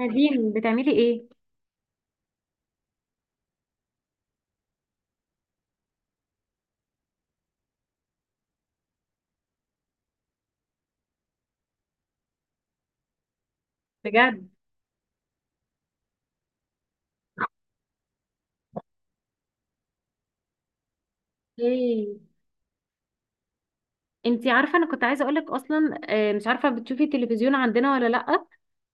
نادين، بتعملي ايه؟ بجد؟ ايه، انتي عارفه انا كنت عايزه اقولك اصلا، مش عارفه بتشوفي التلفزيون عندنا ولا لا.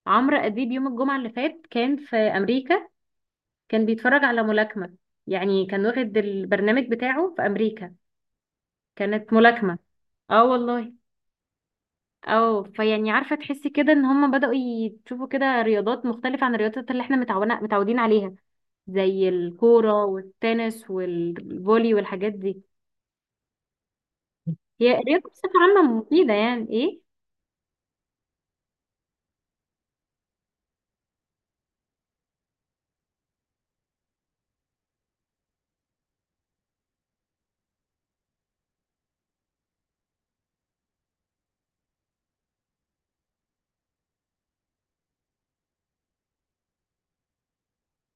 عمرو اديب يوم الجمعه اللي فات كان في امريكا، كان بيتفرج على ملاكمه. يعني كان واخد البرنامج بتاعه في امريكا، كانت ملاكمه. اه والله. اه، فيعني عارفه تحسي كده ان هم بداوا يشوفوا كده رياضات مختلفه عن الرياضات اللي احنا متعودين عليها، زي الكوره والتنس والفولي والحاجات دي. هي الرياضه بصفه عامه مفيده يعني ايه.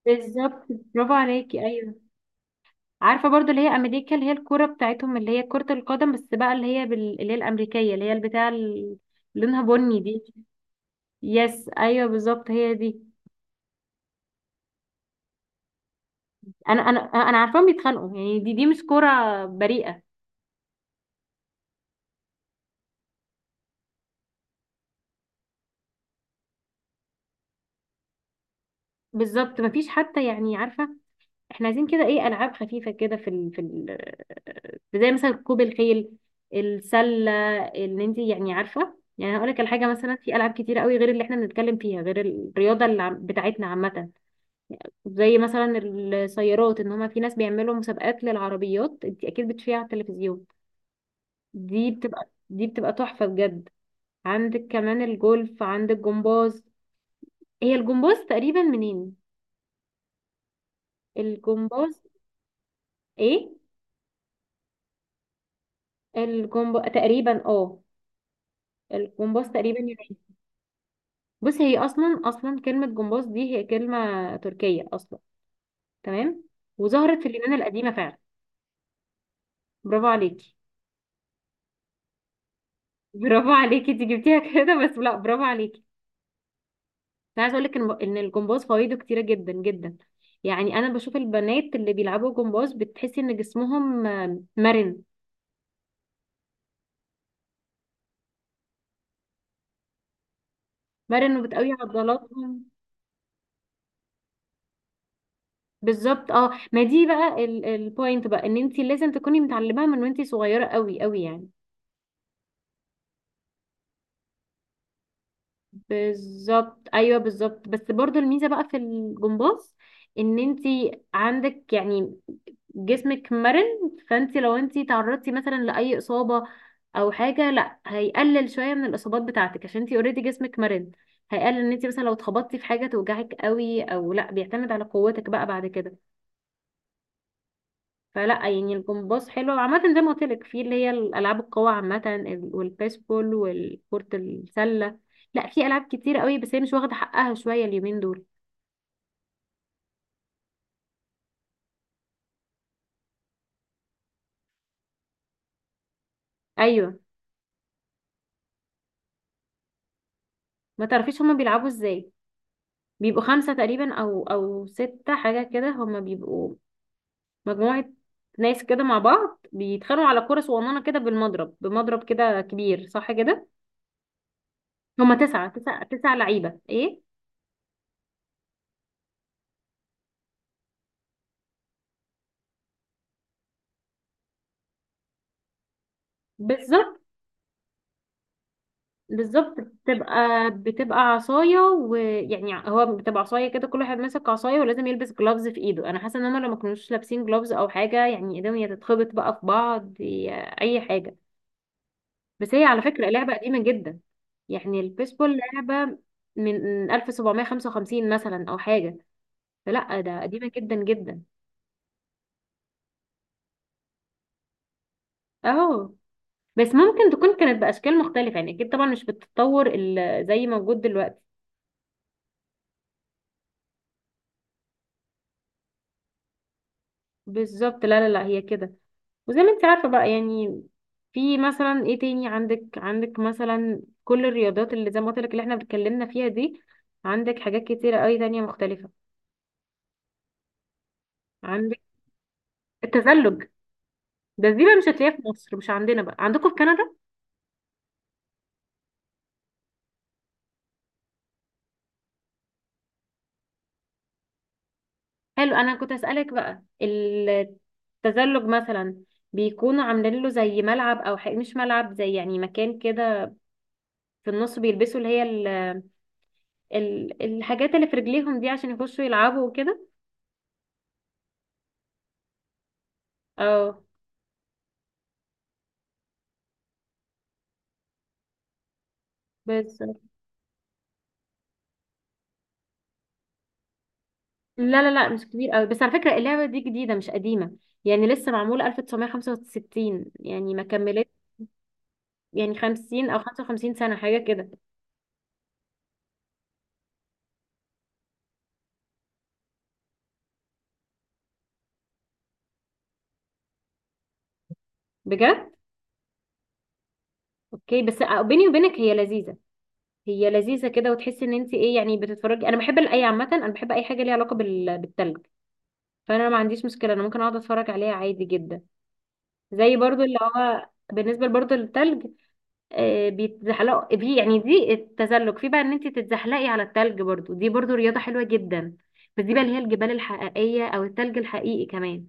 بالظبط، برافو عليكي، ايوه. عارفه برضو اللي هي امريكا اللي هي الكوره بتاعتهم اللي هي كره القدم، بس بقى اللي هي اللي هي الامريكيه اللي هي البتاع اللي لونها بني دي. يس ايوه بالظبط، هي دي. انا عارفاهم بيتخانقوا، يعني دي مش كوره بريئه. بالظبط، مفيش حتى، يعني عارفه احنا عايزين كده ايه، العاب خفيفه كده في زي مثلا ركوب الخيل، السله. اللي انت يعني عارفه، يعني هقول لك الحاجه، مثلا في العاب كتير قوي غير اللي احنا بنتكلم فيها غير الرياضه اللي بتاعتنا عامه. زي مثلا السيارات، ان هما في ناس بيعملوا مسابقات للعربيات، انت اكيد بتشوفيها على التلفزيون، دي بتبقى تحفة بجد. عندك كمان الجولف، عندك جمباز. هي الجمباز تقريبا منين؟ الجمباز. ايه؟ الجمب تقريبا اه الجمباز تقريبا يوناني. بص، هي اصلا كلمة جمباز دي هي كلمة تركية اصلا. تمام، وظهرت في اليونان القديمة فعلا. برافو عليكي. برافو عليكي انت جبتيها كده، بس لا برافو عليكي. انا عايزه اقول لك ان الجمباز فوائده كتيره جدا جدا. يعني انا بشوف البنات اللي بيلعبوا جمباز بتحسي ان جسمهم مرن. مرن وبتقوي عضلاتهم. بالظبط اه، ما دي بقى البوينت بقى، ان انت لازم تكوني متعلماها من وانت صغيره قوي قوي يعني. بالظبط ايوه بالظبط، بس برضو الميزه بقى في الجمباز ان انت عندك، يعني، جسمك مرن. فانت لو انت تعرضتي مثلا لاي اصابه او حاجه، لا هيقلل شويه من الاصابات بتاعتك عشان انت اوريدي جسمك مرن. هيقلل ان انت مثلا لو اتخبطتي في حاجه توجعك قوي او لا، بيعتمد على قوتك بقى بعد كده. فلا يعني الجمباز حلو عامة، زي ما قلت لك، في اللي هي الألعاب القوى عامة والبيسبول والكرة السلة. لا، في ألعاب كتير قوي بس هي مش واخدة حقها شوية اليومين دول. أيوة. ما تعرفيش هما بيلعبوا ازاي؟ بيبقوا خمسة تقريبا أو ستة حاجة كده، هما بيبقوا مجموعة ناس كده مع بعض بيتخانقوا على كرة صغننة كده، بمضرب كده كبير، صح كده. هما تسعة لعيبة، ايه. بالظبط بالظبط، بتبقى عصاية، ويعني هو بتبقى عصاية كده، كل واحد ماسك عصاية، ولازم يلبس جلافز في ايده. انا حاسة ان هما لو ما كانوش لابسين جلافز او حاجة، يعني ايديهم يا تتخبط بقى في بعض يا اي حاجة. بس هي على فكرة لعبة قديمة جدا، يعني البيسبول لعبة من 1755 مثلا او حاجة، فلا ده قديمة جدا جدا. اهو. بس ممكن تكون كانت بأشكال مختلفة، يعني اكيد طبعا مش بالتطور زي موجود دلوقتي. بالظبط لا لا لا، هي كده، وزي ما انت عارفة بقى يعني، في مثلا ايه تاني؟ عندك مثلا كل الرياضات اللي زي ما قلت لك اللي احنا اتكلمنا فيها دي. عندك حاجات كتيرة قوي تانية مختلفة. عندك التزلج. دي بقى مش هتلاقيها في مصر، مش عندنا بقى، عندكم في كندا. حلو، انا كنت هسألك بقى التزلج مثلا، بيكونوا عاملين له زي ملعب، او حق، مش ملعب، زي يعني مكان كده في النص، بيلبسوا اللي هي الحاجات اللي في رجليهم دي عشان يخشوا يلعبوا وكده. اه بس. لا لا لا، مش كبير قوي. بس على فكرة اللعبة دي جديدة مش قديمة، يعني لسه معمولة 1965، يعني ما كملت يعني 50 او 55 سنة حاجة كده. بجد؟ اوكي، بس بيني وبينك هي لذيذة. هي لذيذة كده، وتحسي ان انت ايه، يعني بتتفرجي. انا بحب الاي عامة، انا بحب اي حاجة ليها علاقة بالتلج. فانا ما عنديش مشكلة، انا ممكن اقعد اتفرج عليها عادي جدا. زي برضو اللي هو بالنسبة برضو للتلج، بيتزحلقوا دي، يعني دي التزلج في بقى ان انت تتزحلقي على التلج، برضو دي برضو رياضة حلوة جدا. بس دي بقى اللي هي الجبال الحقيقية او التلج الحقيقي كمان.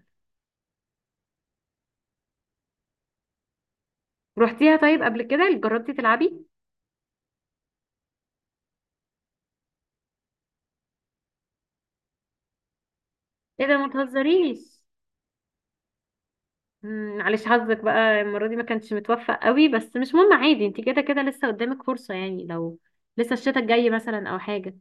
روحتيها طيب قبل كده، جربتي تلعبي؟ ايه ده، ما تهزريش. معلش، حظك بقى المرة دي ما كانش متوفق قوي، بس مش مهم عادي، انت كده كده لسه قدامك فرصة، يعني لو لسه الشتاء الجاي مثلا او حاجة.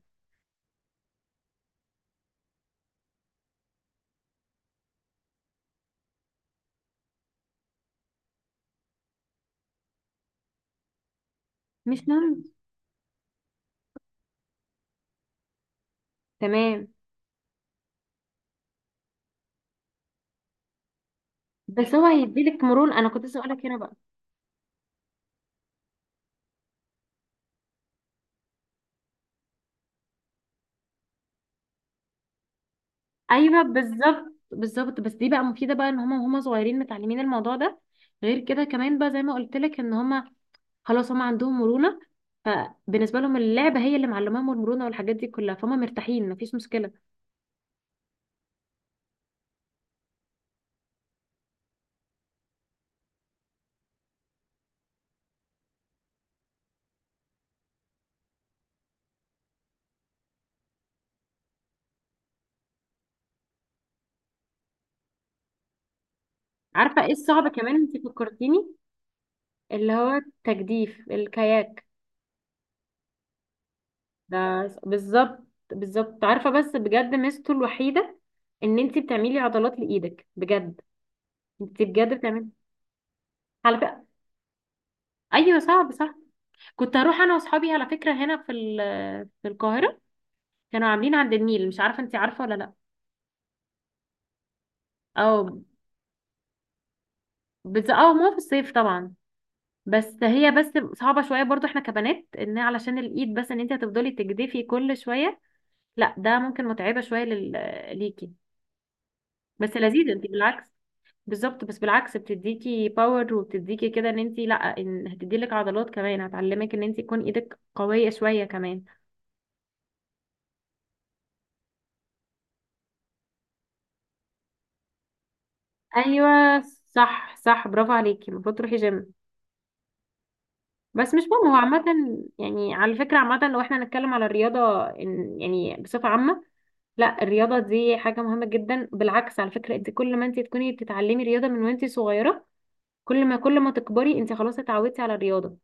مش مهم، تمام. بس هو هيديلك مرونة، انا كنت لسه هقولك هنا بقى. ايوه بالظبط بالظبط، بس دي بقى مفيده بقى ان هما وهما صغيرين متعلمين الموضوع ده. غير كده كمان بقى زي ما قلت لك ان هما، خلاص هما عندهم مرونه. فبالنسبه لهم اللعبه هي اللي معلماهم المرونه والحاجات دي كلها، فهم مرتاحين، مفيش مشكله. عارفه ايه الصعب كمان؟ انت فكرتيني اللي هو التجديف، الكاياك ده. بالظبط، بالظبط عارفه، بس بجد ميزته الوحيده ان انت بتعملي عضلات لايدك بجد، انت بجد بتعملي على فكره. ايوه صعب صح. كنت هروح انا واصحابي على فكره هنا في في القاهره، كانوا عاملين عند النيل، مش عارفه انت عارفه ولا لا. او، بس اه ما هو في الصيف طبعا. بس هي بس صعبه شويه برضو احنا كبنات، ان علشان الايد بس، ان انت هتفضلي تجدفي كل شويه، لا ده ممكن متعبه شويه ليكي. بس لذيذ، انت بالعكس. بالظبط، بس بالعكس بتديكي باور وبتديكي كده ان انت، لا، ان هتديلك عضلات كمان، هتعلمك ان انت تكون ايدك قويه شويه كمان. ايوه صح صح، برافو عليكي، المفروض تروحي جيم، بس مش مهم هو عامة. يعني على فكرة عامة لو احنا هنتكلم على الرياضة، يعني بصفة عامة، لا الرياضة دي حاجة مهمة جدا، بالعكس على فكرة، انت كل ما انت تكوني بتتعلمي رياضة من وانت صغيرة، كل ما تكبري انت خلاص اتعودتي على الرياضة.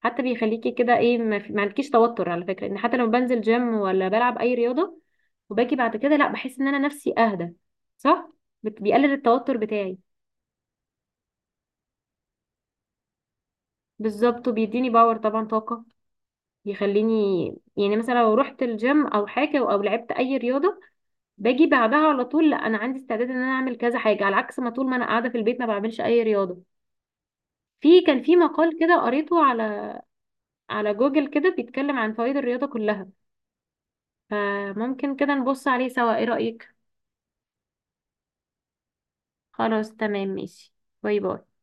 حتى بيخليكي كده ايه، ما عندكيش توتر على فكرة، ان حتى لما بنزل جيم ولا بلعب اي رياضة وباجي بعد كده، لا بحس ان انا نفسي اهدى، صح. بيقلل التوتر بتاعي. بالظبط، وبيديني باور طبعا، طاقة، يخليني، يعني مثلا لو رحت الجيم او حاجه او لعبت اي رياضه، باجي بعدها على طول، لا انا عندي استعداد ان انا اعمل كذا حاجه، على عكس ما طول ما انا قاعده في البيت ما بعملش اي رياضه. كان في مقال كده قريته على جوجل كده بيتكلم عن فوائد الرياضه كلها، فممكن كده نبص عليه سوا، ايه رايك؟ خلاص تمام ماشي. باي باي.